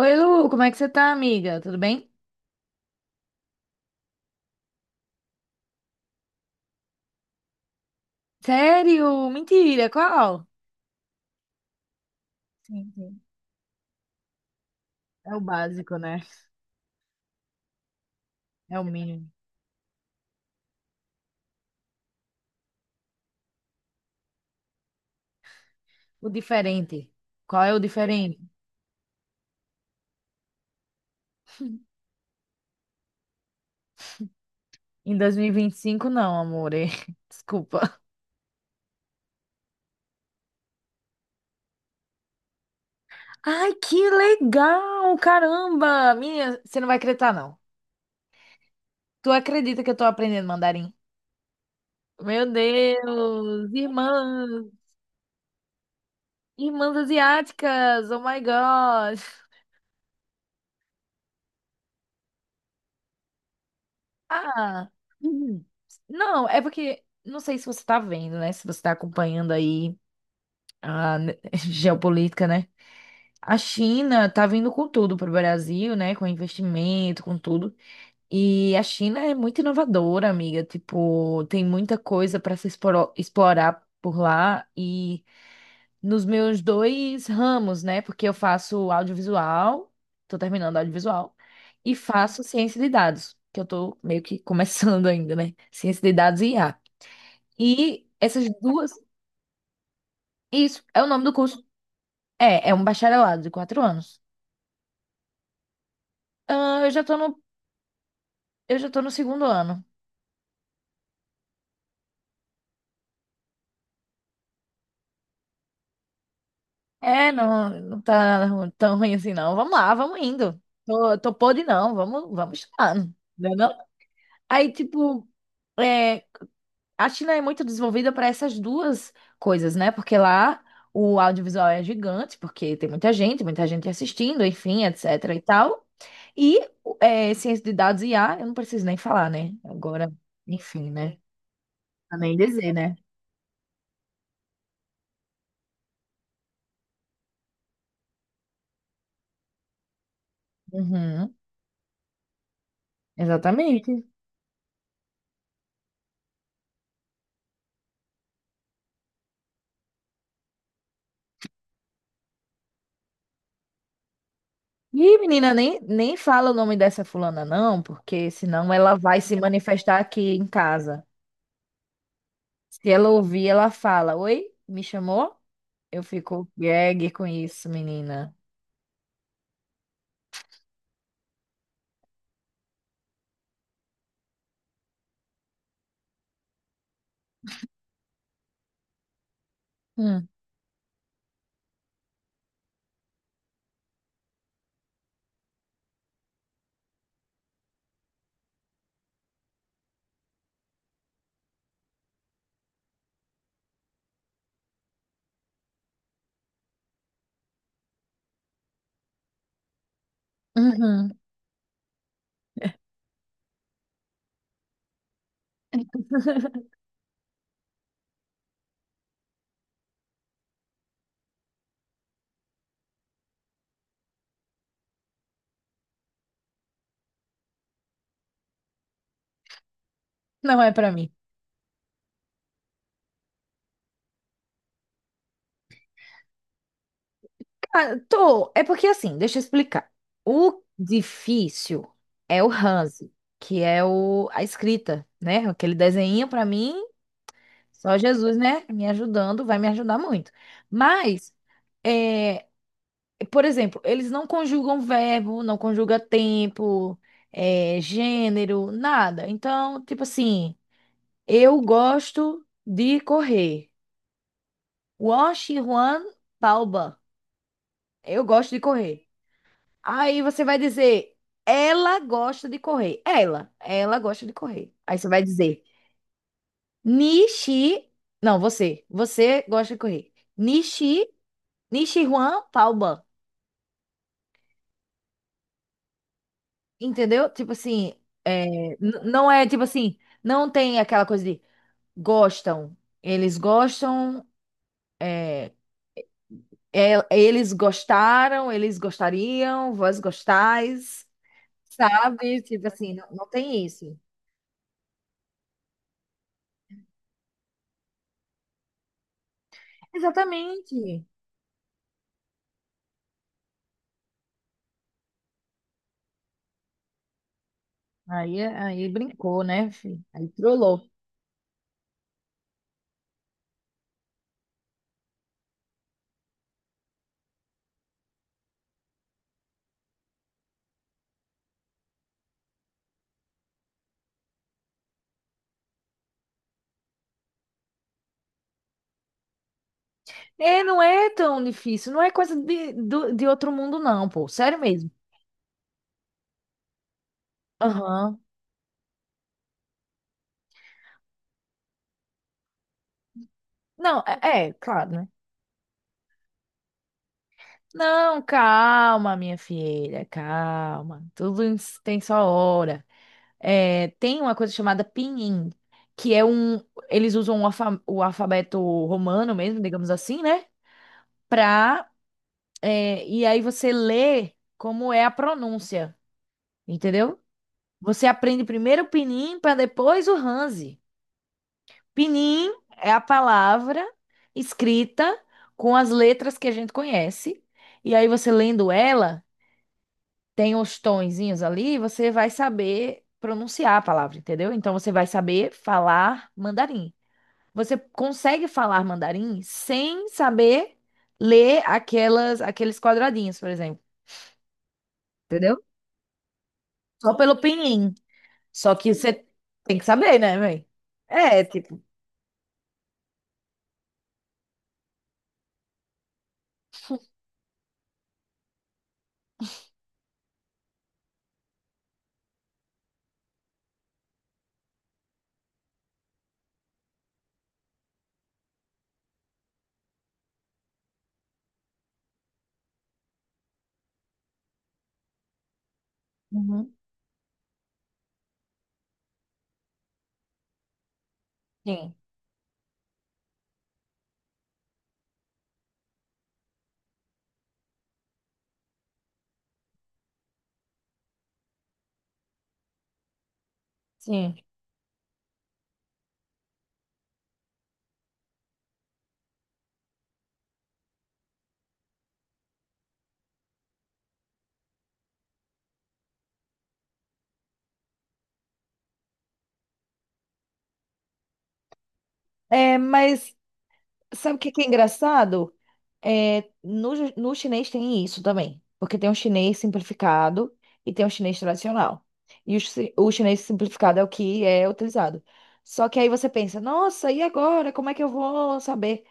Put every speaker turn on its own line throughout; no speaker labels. Oi, Lu, como é que você tá, amiga? Tudo bem? Sério? Mentira, qual? Sim. É o básico, né? É o mínimo. O diferente. Qual é o diferente? Em dois mil e vinte e cinco não, amor. Desculpa. Ai, que legal! Caramba! Minha, você não vai acreditar, não. Tu acredita que eu tô aprendendo mandarim? Meu Deus! Irmãs! Irmãs asiáticas! Oh my God! Ah, hum. Não, é porque não sei se você tá vendo, né? Se você tá acompanhando aí a ne- geopolítica, né? A China tá vindo com tudo pro Brasil, né? Com investimento, com tudo. E a China é muito inovadora, amiga. Tipo, tem muita coisa para se explorar por lá nos meus dois ramos, né? Porque eu faço audiovisual, tô terminando audiovisual, e faço ciência de dados, que eu tô meio que começando ainda, né? Ciência de dados e IA. E essas duas, isso, é o nome do curso. É, é um bacharelado de 4 anos. Ah, eu já tô no segundo ano. Não, não tá tão ruim assim, não. Vamos lá, vamos indo. Tô podre, não. Vamos estudando. Não. É não? Aí, tipo, é, a China é muito desenvolvida para essas duas coisas, né? Porque lá o audiovisual é gigante, porque tem muita gente assistindo, enfim, etc e tal. E é, ciência de dados e IA, eu não preciso nem falar, né? Agora, enfim, né? Pra nem dizer, né? Uhum, exatamente. E menina, nem fala o nome dessa fulana, não, porque senão ela vai se manifestar aqui em casa. Se ela ouvir, ela fala: Oi, me chamou? Eu fico gag com isso, menina. Hum. Uhum. Não é pra mim. Ah, tô. É porque assim, deixa eu explicar. O difícil é o Hanzi, que é a escrita, né? Aquele desenho pra mim, só Jesus, né? Me ajudando, vai me ajudar muito. Mas, é, por exemplo, eles não conjugam verbo, não conjuga tempo, é, gênero, nada. Então, tipo assim, eu gosto de correr. Wash Juan Palba. Eu gosto de correr. Aí você vai dizer, ela gosta de correr. Ela gosta de correr. Aí você vai dizer, Nishi. Não, você. Você gosta de correr. Nishi, Nishiruan Taoban. Entendeu? Tipo assim, é, não é tipo assim, não tem aquela coisa de gostam. Eles gostam, é, eles gostaram, eles gostariam, vós gostais, sabe? Tipo assim, não, não tem isso. Exatamente. Aí, aí brincou, né, filho? Aí trollou. É, não é tão difícil, não é coisa de, de outro mundo, não, pô. Sério mesmo. Aham. Não, é, claro, né? Não, calma, minha filha, calma. Tem sua hora. É, tem uma coisa chamada pinyin, que é um. Eles usam o alfabeto romano mesmo, digamos assim, né? Pra. É, e aí você lê como é a pronúncia, entendeu? Você aprende primeiro o pinyin para depois o Hanzi. Pinyin é a palavra escrita com as letras que a gente conhece. E aí você lendo ela, tem os tonzinhos ali, você vai saber pronunciar a palavra, entendeu? Então você vai saber falar mandarim. Você consegue falar mandarim sem saber ler aqueles quadradinhos, por exemplo, entendeu? Só pelo pinyin. Só que você tem que saber, né, velho? É, tipo. Uhum. Sim, sim. É, mas sabe o que que é engraçado? É, no chinês tem isso também. Porque tem um chinês simplificado e tem um chinês tradicional. E o chinês simplificado é o que é utilizado. Só que aí você pensa, nossa, e agora? Como é que eu vou saber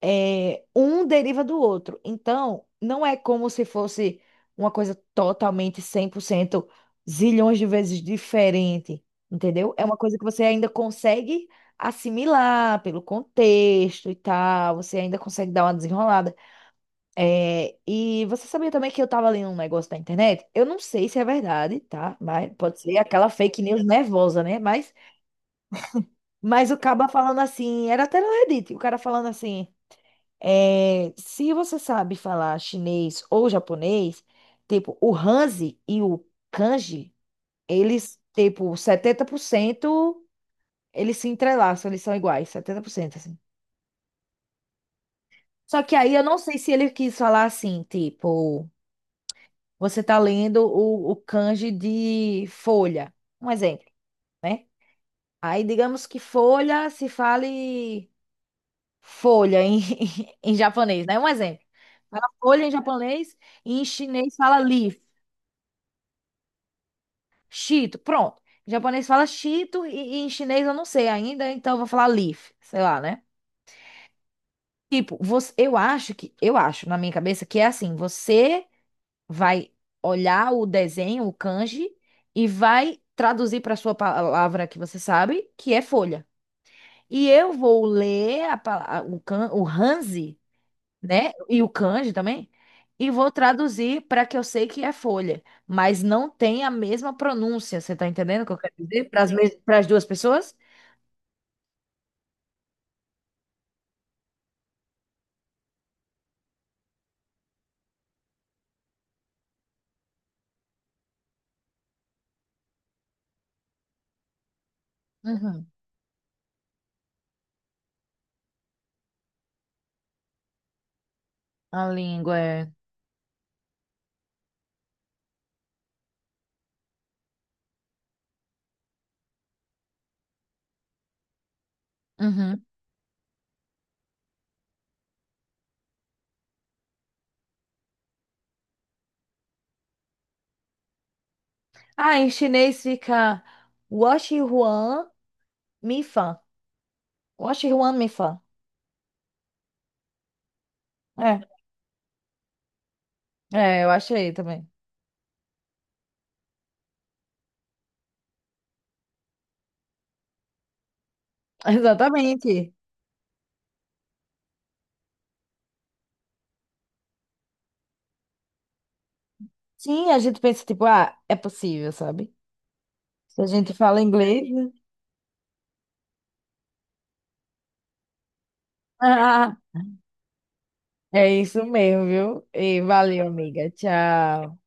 é, um deriva do outro. Então, não é como se fosse uma coisa totalmente 100% zilhões de vezes diferente, entendeu? É uma coisa que você ainda consegue assimilar pelo contexto e tal, você ainda consegue dar uma desenrolada. É, e você sabia também que eu tava lendo um negócio na internet? Eu não sei se é verdade, tá? Mas pode ser aquela fake news nervosa, né? Mas o cara falando assim, era até no Reddit, o cara falando assim. É, se você sabe falar chinês ou japonês, tipo, o Hanzi e o Kanji, eles, tipo, 70%, eles se entrelaçam, eles são iguais, 70%, assim. Só que aí eu não sei se ele quis falar assim, tipo, você tá lendo o Kanji de folha, um exemplo, né? Aí digamos que folha se fale folha em, em japonês, né? Um exemplo. Fala folha em japonês e em chinês fala leaf. Chito pronto. Em japonês fala chito e em chinês eu não sei ainda, então eu vou falar Leaf, sei lá, né? Tipo, você, eu acho que, eu acho na minha cabeça que é assim, você vai olhar o desenho, o kanji, e vai traduzir para sua palavra que você sabe, que é folha. E eu vou ler a, o Hanzi né? E o kanji também. E vou traduzir para que eu sei que é folha, mas não tem a mesma pronúncia. Você tá entendendo o que eu quero dizer? Para as duas pessoas? Uhum. A língua é. Uhum. Ah, em chinês fica Washi Huan Mi Fan. Washi Huan Mi Fan. É, eu achei também. Exatamente. Sim, a gente pensa, tipo, ah, é possível, sabe? Se a gente fala inglês. Né? Ah, é isso mesmo, viu? E valeu, amiga. Tchau.